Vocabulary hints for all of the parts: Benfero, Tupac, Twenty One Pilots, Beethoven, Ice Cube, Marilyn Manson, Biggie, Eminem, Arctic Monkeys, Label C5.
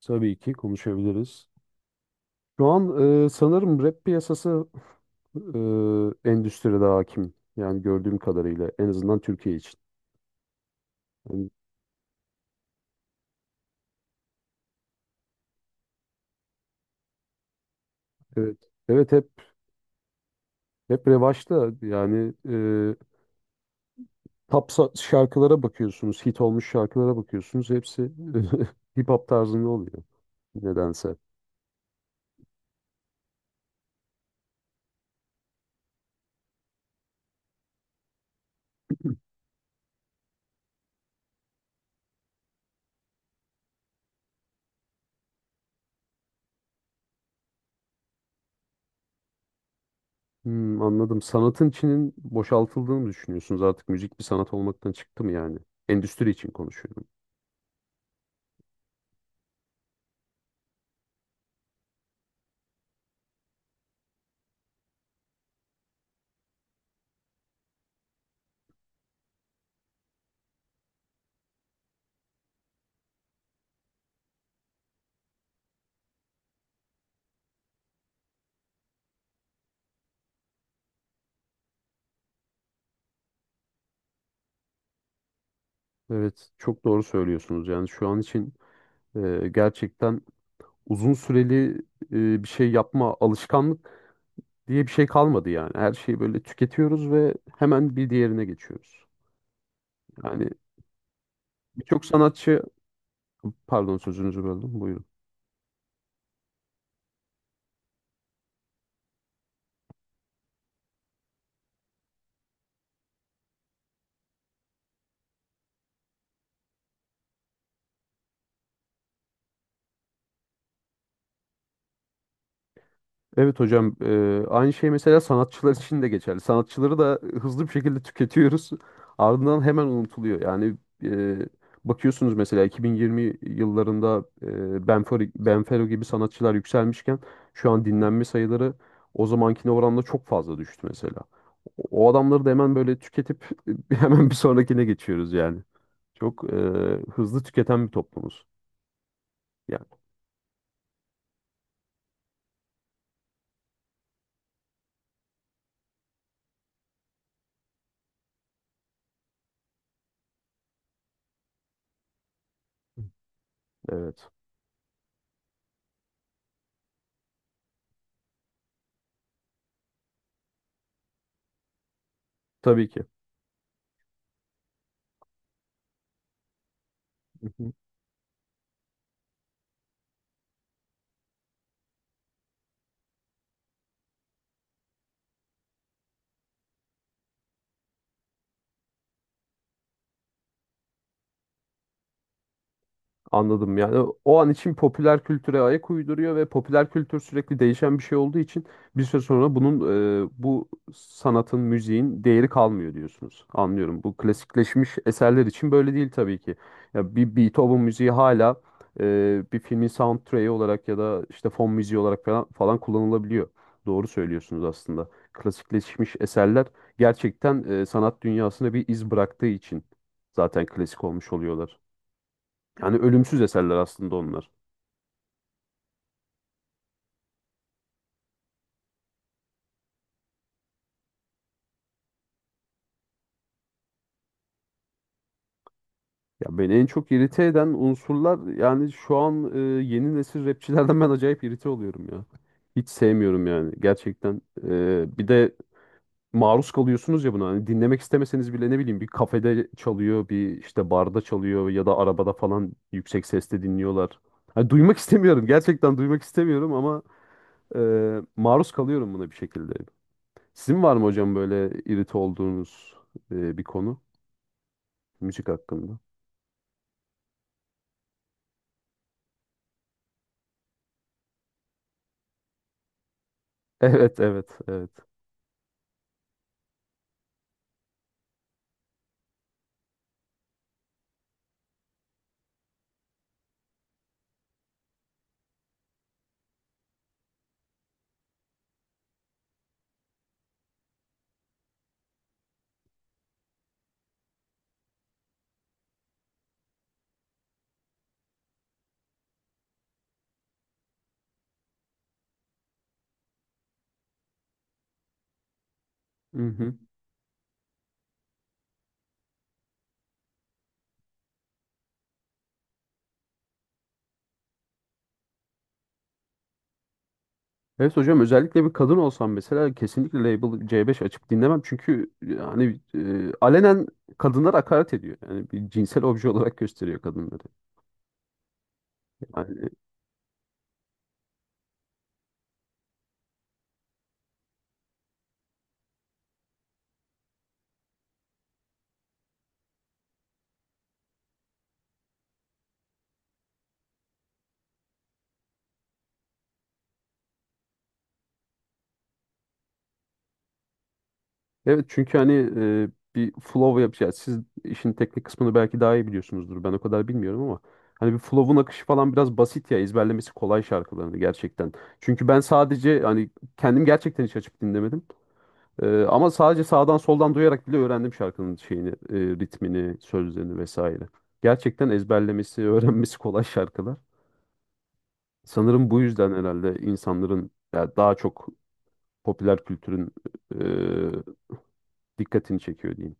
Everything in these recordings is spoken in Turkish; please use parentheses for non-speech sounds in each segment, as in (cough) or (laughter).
Tabii ki konuşabiliriz. Şu an sanırım rap piyasası endüstride hakim. Yani gördüğüm kadarıyla en azından Türkiye için. Yani evet. Evet hep revaçta yani şarkılara bakıyorsunuz, hit olmuş şarkılara bakıyorsunuz. Hepsi (laughs) hip hop tarzında oluyor nedense. Hmm, anladım. Sanatın içinin boşaltıldığını mı düşünüyorsunuz? Artık müzik bir sanat olmaktan çıktı mı yani? Endüstri için konuşuyorum. Evet, çok doğru söylüyorsunuz. Yani şu an için gerçekten uzun süreli bir şey yapma alışkanlık diye bir şey kalmadı yani. Her şeyi böyle tüketiyoruz ve hemen bir diğerine geçiyoruz. Yani birçok sanatçı, pardon sözünüzü böldüm. Buyurun. Evet hocam, aynı şey mesela sanatçılar için de geçerli. Sanatçıları da hızlı bir şekilde tüketiyoruz. Ardından hemen unutuluyor. Yani eee, bakıyorsunuz mesela 2020 yıllarında Benfero gibi sanatçılar yükselmişken şu an dinlenme sayıları o zamankine oranla çok fazla düştü mesela. O adamları da hemen böyle tüketip (laughs) hemen bir sonrakine geçiyoruz yani. Çok hızlı tüketen bir toplumuz. Yani. Evet. Tabii ki. (laughs) Anladım, yani o an için popüler kültüre ayak uyduruyor ve popüler kültür sürekli değişen bir şey olduğu için bir süre sonra bu sanatın, müziğin değeri kalmıyor diyorsunuz. Anlıyorum. Bu klasikleşmiş eserler için böyle değil tabii ki. Ya bir Beethoven müziği hala bir filmin soundtrack'i olarak ya da işte fon müziği olarak falan, falan kullanılabiliyor. Doğru söylüyorsunuz aslında. Klasikleşmiş eserler gerçekten sanat dünyasına bir iz bıraktığı için zaten klasik olmuş oluyorlar. Yani ölümsüz eserler aslında onlar. Ya beni en çok irite eden unsurlar yani şu an yeni nesil rapçilerden (laughs) ben acayip irite oluyorum ya. Hiç sevmiyorum yani gerçekten. Bir de maruz kalıyorsunuz ya buna. Hani dinlemek istemeseniz bile ne bileyim bir kafede çalıyor, bir işte barda çalıyor ya da arabada falan yüksek sesle dinliyorlar. Hani duymak istemiyorum. Gerçekten duymak istemiyorum ama maruz kalıyorum buna bir şekilde. Sizin var mı hocam böyle irite olduğunuz bir konu müzik hakkında? Evet, evet, evet. Hı hı. Evet hocam, özellikle bir kadın olsam mesela kesinlikle Label C5 açıp dinlemem. Çünkü yani alenen kadınlara hakaret ediyor. Yani bir cinsel obje olarak gösteriyor kadınları. Yani, evet çünkü hani e, bir flow yapacağız. Siz işin teknik kısmını belki daha iyi biliyorsunuzdur. Ben o kadar bilmiyorum ama hani bir flow'un akışı falan biraz basit ya, ezberlemesi kolay şarkılarını gerçekten. Çünkü ben sadece hani kendim gerçekten hiç açıp dinlemedim. Ama sadece sağdan soldan duyarak bile öğrendim şarkının şeyini, ritmini, sözlerini vesaire. Gerçekten ezberlemesi, (laughs) öğrenmesi kolay şarkılar. Sanırım bu yüzden herhalde insanların ya daha çok popüler kültürün e, dikkatini çekiyor diyeyim.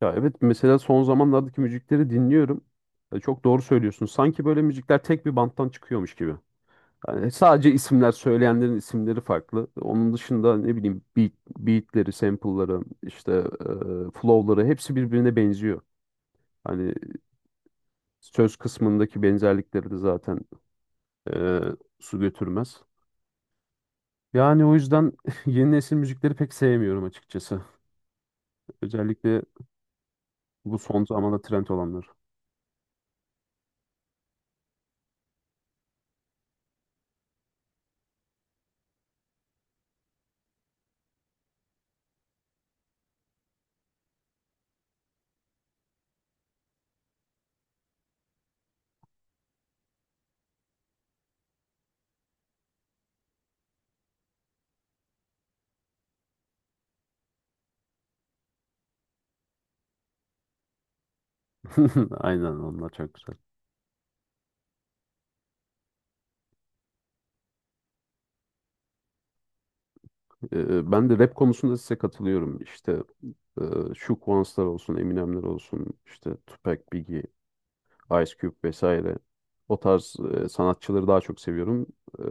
Ya evet, mesela son zamanlardaki müzikleri dinliyorum. Çok doğru söylüyorsun. Sanki böyle müzikler tek bir banttan çıkıyormuş gibi. Yani sadece isimler söyleyenlerin isimleri farklı. Onun dışında ne bileyim beatleri, sample'ları, işte flow'ları hepsi birbirine benziyor. Hani söz kısmındaki benzerlikleri de zaten e, su götürmez. Yani o yüzden (laughs) yeni nesil müzikleri pek sevmiyorum açıkçası. Özellikle bu son zamanda trend olanlar. (laughs) Aynen, onlar çok güzel. Ben de rap konusunda size katılıyorum. İşte e, şu Kuanslar olsun, Eminemler olsun, işte Tupac, Biggie. Ice Cube vesaire. O tarz sanatçıları daha çok seviyorum. Ee,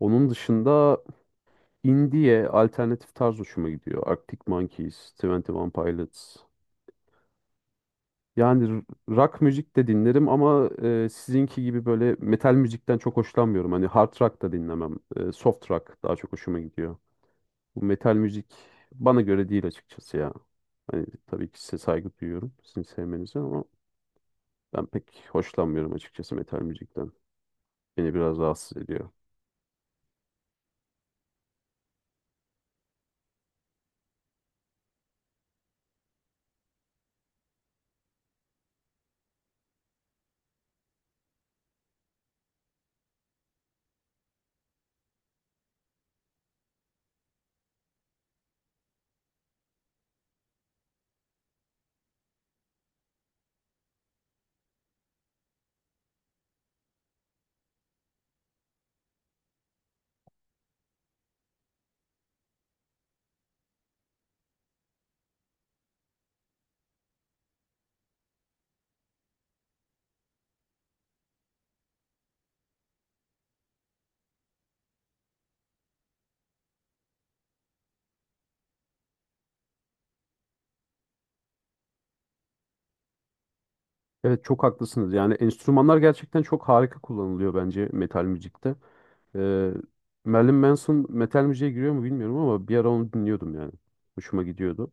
Onun dışında indie'ye alternatif tarz hoşuma gidiyor. Arctic Monkeys, Twenty One Pilots. Yani rock müzik de dinlerim ama sizinki gibi böyle metal müzikten çok hoşlanmıyorum. Hani hard rock da dinlemem. Soft rock daha çok hoşuma gidiyor. Bu metal müzik bana göre değil açıkçası ya. Hani tabii ki size saygı duyuyorum, sizin sevmenize, ama ben pek hoşlanmıyorum açıkçası metal müzikten. Beni biraz rahatsız ediyor. Evet, çok haklısınız. Yani enstrümanlar gerçekten çok harika kullanılıyor bence metal müzikte. Ee, Marilyn Manson metal müziğe giriyor mu bilmiyorum ama bir ara onu dinliyordum yani. Hoşuma gidiyordu.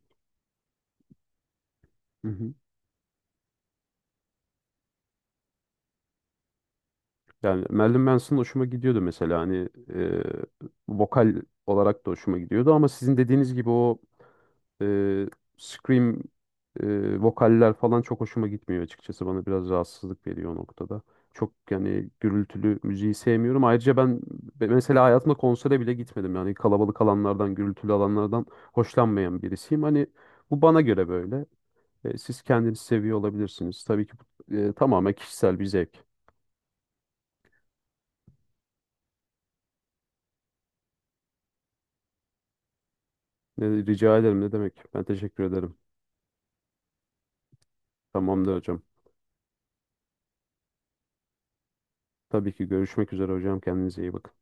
Hı hı. Yani Marilyn Manson hoşuma gidiyordu mesela, hani vokal olarak da hoşuma gidiyordu ama sizin dediğiniz gibi o e, scream vokaller falan çok hoşuma gitmiyor açıkçası. Bana biraz rahatsızlık veriyor o noktada. Çok yani gürültülü müziği sevmiyorum. Ayrıca ben mesela hayatımda konsere bile gitmedim. Yani kalabalık alanlardan, gürültülü alanlardan hoşlanmayan birisiyim. Hani bu bana göre böyle. Siz kendinizi seviyor olabilirsiniz. Tabii ki bu tamamen kişisel bir zevk. Ne, rica ederim, ne demek. Ben teşekkür ederim. Tamamdır hocam. Tabii ki görüşmek üzere hocam. Kendinize iyi bakın.